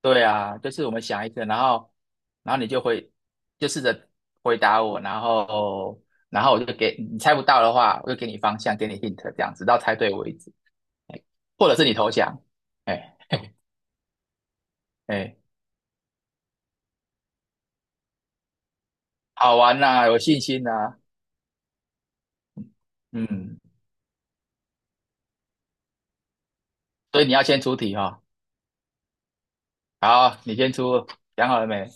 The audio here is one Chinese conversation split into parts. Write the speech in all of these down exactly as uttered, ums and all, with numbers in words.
对啊，就是我们想一个，然后，然后你就回，就试着回答我，然后，然后我就给你猜不到的话，我就给你方向，给你 hint，这样子到猜对为止，哎，或者是你投降，哎哎，好玩呐、有信心呐、嗯，所以你要先出题哈、哦，好，你先出，想好了没？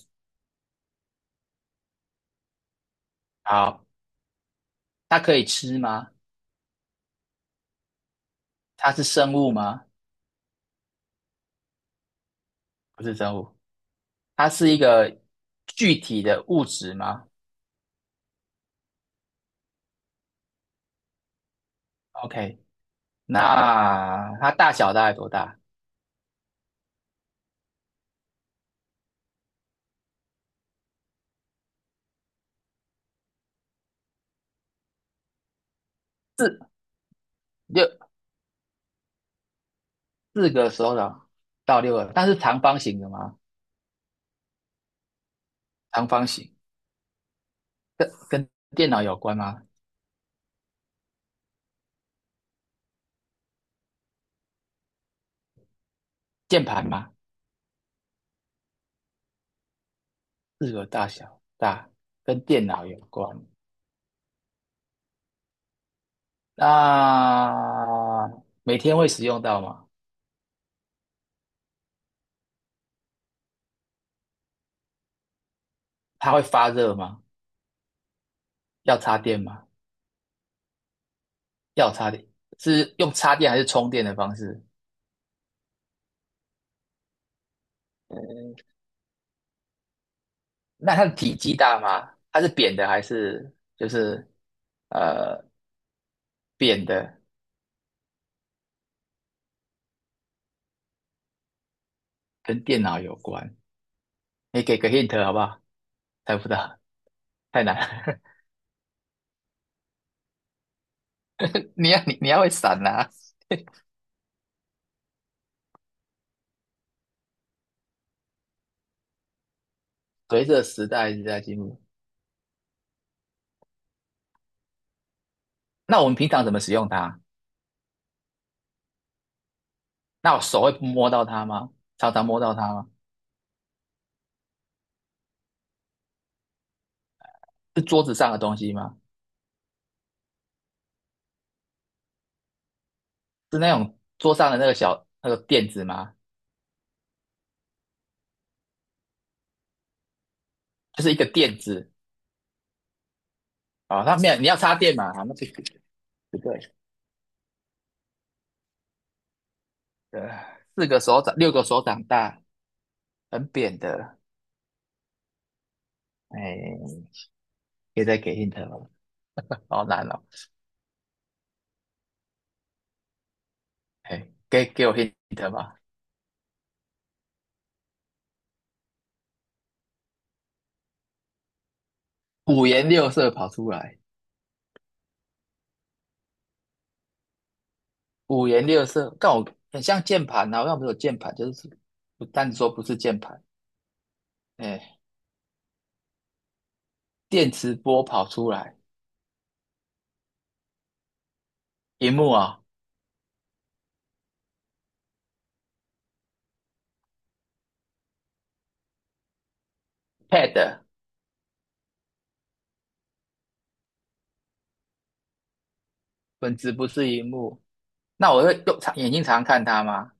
好，它可以吃吗？它是生物吗？不是生物，它是一个具体的物质吗？OK，那它大小大概多大？六四个手掌到六个，但是长方形的吗？长方形跟跟电脑有关吗？键盘吗？四个大小大跟电脑有关。那每天会使用到吗？它会发热吗？要插电吗？要插电，是用插电还是充电的方式？那它的体积大吗？它是扁的还是就是呃扁的？跟电脑有关，你给个 hint 好不好？猜不到，太难了。你要你你要会闪呐、随着时代一直在进步，那我们平常怎么使用它？那我手会摸到它吗？常常摸到它吗？是桌子上的东西吗？是那种桌上的那个小那个垫子吗？就是一个垫子啊，它没有你要插电嘛？啊，那就不对，呃，四个手掌六个手掌大，很扁的，哎，可以再给 hint 吗？好难哦，哎，给给我 hint 吧，五颜六色跑出来。五颜六色，但我很像键盘啊，好像没有键盘，就是不但说不是键盘，哎，电磁波跑出来，荧幕啊，pad，本子不是荧幕，那我会用长眼睛常常看它吗？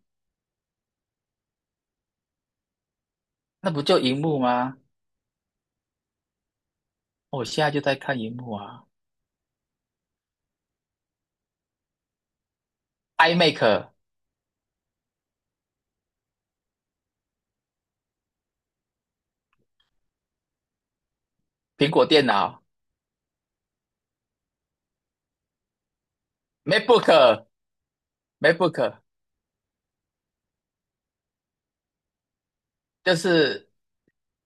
那不就荧幕吗？我现在就在看荧幕啊，iMac，苹果电脑，MacBook，MacBook 就是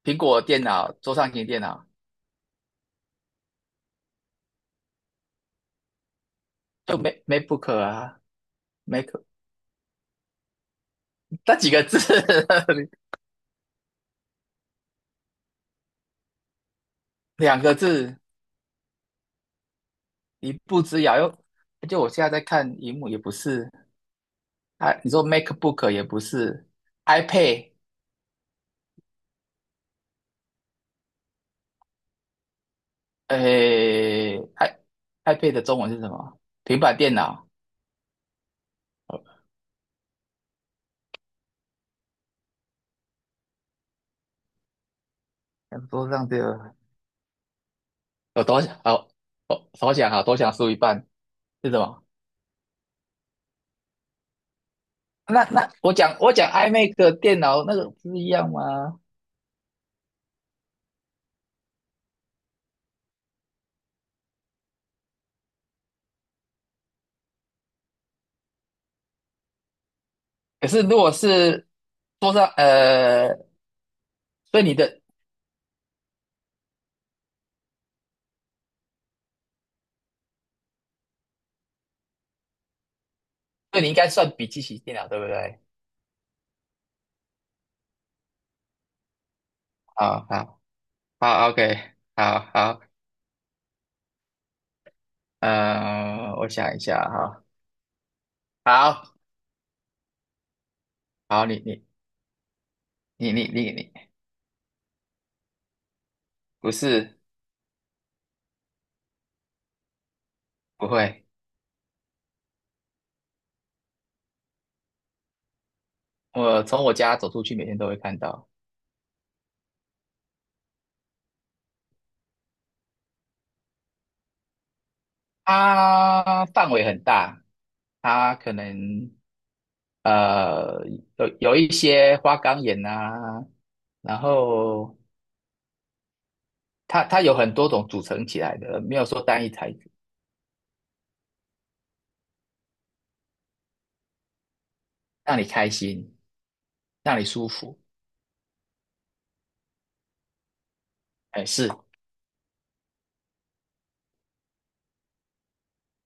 苹果电脑，桌上型电脑，就 Mac MacBook 啊，Mac 那几个字，两个字。一步之遥又，就我现在在看荧幕也不是，啊，你说 MacBook 也不是，iPad，诶，i iPad 的中文是什么？平板电脑，哦桌上这个，我多想，哦，我多想哈，多想输一半是什么？那那我讲我讲 iMac 的电脑那个不是一样吗？可是如果是桌上，呃，所以你的，所以你应该算笔记型电脑对不对？好好好，OK，好好。呃，我想一下哈，好好，你你你你你你，不是不会，我从我家走出去，每天都会看到。它范围很大，它可能呃有有一些花岗岩啊，然后它它有很多种组成起来的，没有说单一材质，让你开心，让你舒服。哎，是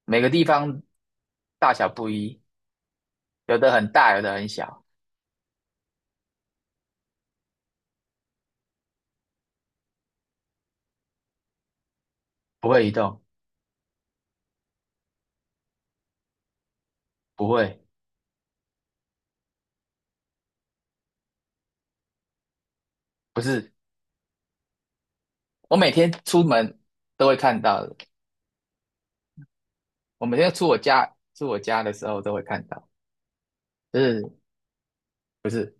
每个地方大小不一，有的很大，有的很小，不会移动，不会，不是。我每天出门都会看到的，我每天出我家出我家的时候都会看到，就是不是？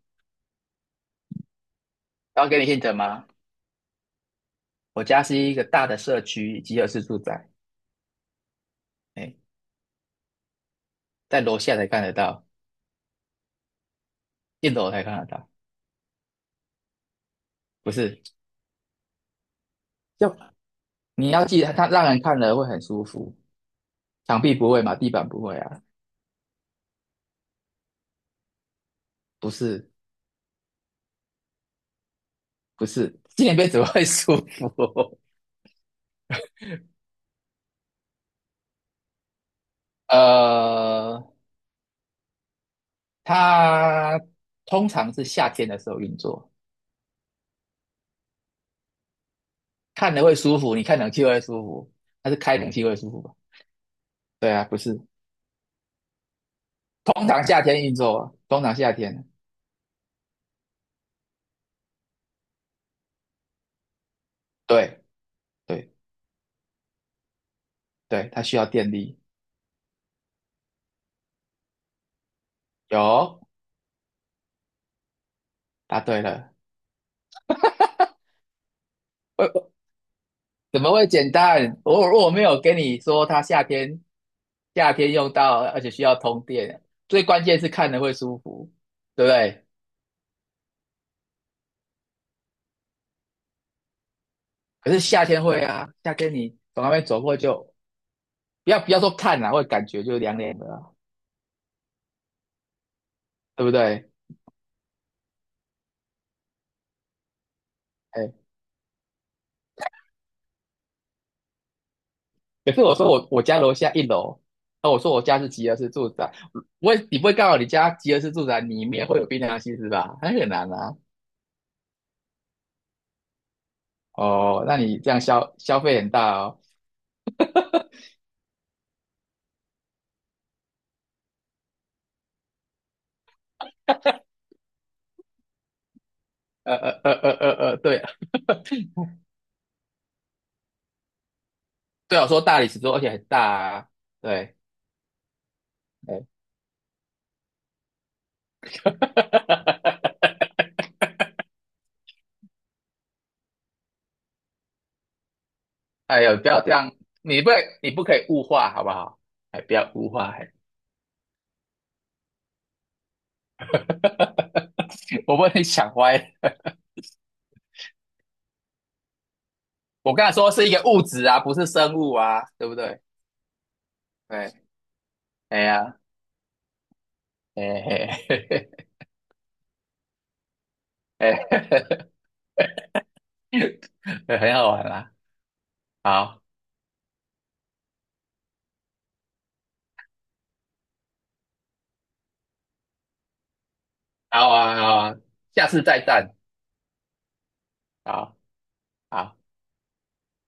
然后给你 hint 吗？我家是一个大的社区集合式住宅，哎，在楼下才看得到，一楼才看得到，不是？就你要记得，它让人看了会很舒服，墙壁不会嘛，地板不会啊，不是不是，纪念碑怎么会 舒服？呃，它通常是夏天的时候运作。看了会舒服，你看冷气会舒服，它是开冷嗯气会舒服吧？对啊，不是，通常夏天运作啊，通常夏天，对对对，它需要电力。有，答对了。会怎么会简单？我我没有跟你说它夏天夏天用到，而且需要通电，最关键是看了会舒服，对不对？可是夏天会啊，夏天你从那边走过就不要不要说看啊，会感觉就凉凉的啊，对不对？哎可是我说我我家楼下一楼，那我说我家是吉合式住宅，我也你不会告诉我你家吉合式住宅里面会有冰凉西施吧？那很难啊。哦，那你这样消消费很大哦。呃呃呃呃呃呃，对 对啊，我说大理石桌，而且很大啊。对，哎 哎呦，不要这样，你不你不可以物化好不好？哎，不要物化，哎 我被你想歪了。我刚才说是一个物质啊，不是生物啊，对不对？对，哎呀。哎嘿嘿嘿嘿，哎，很好玩啦。好，好啊，好啊，下次再战。好，好。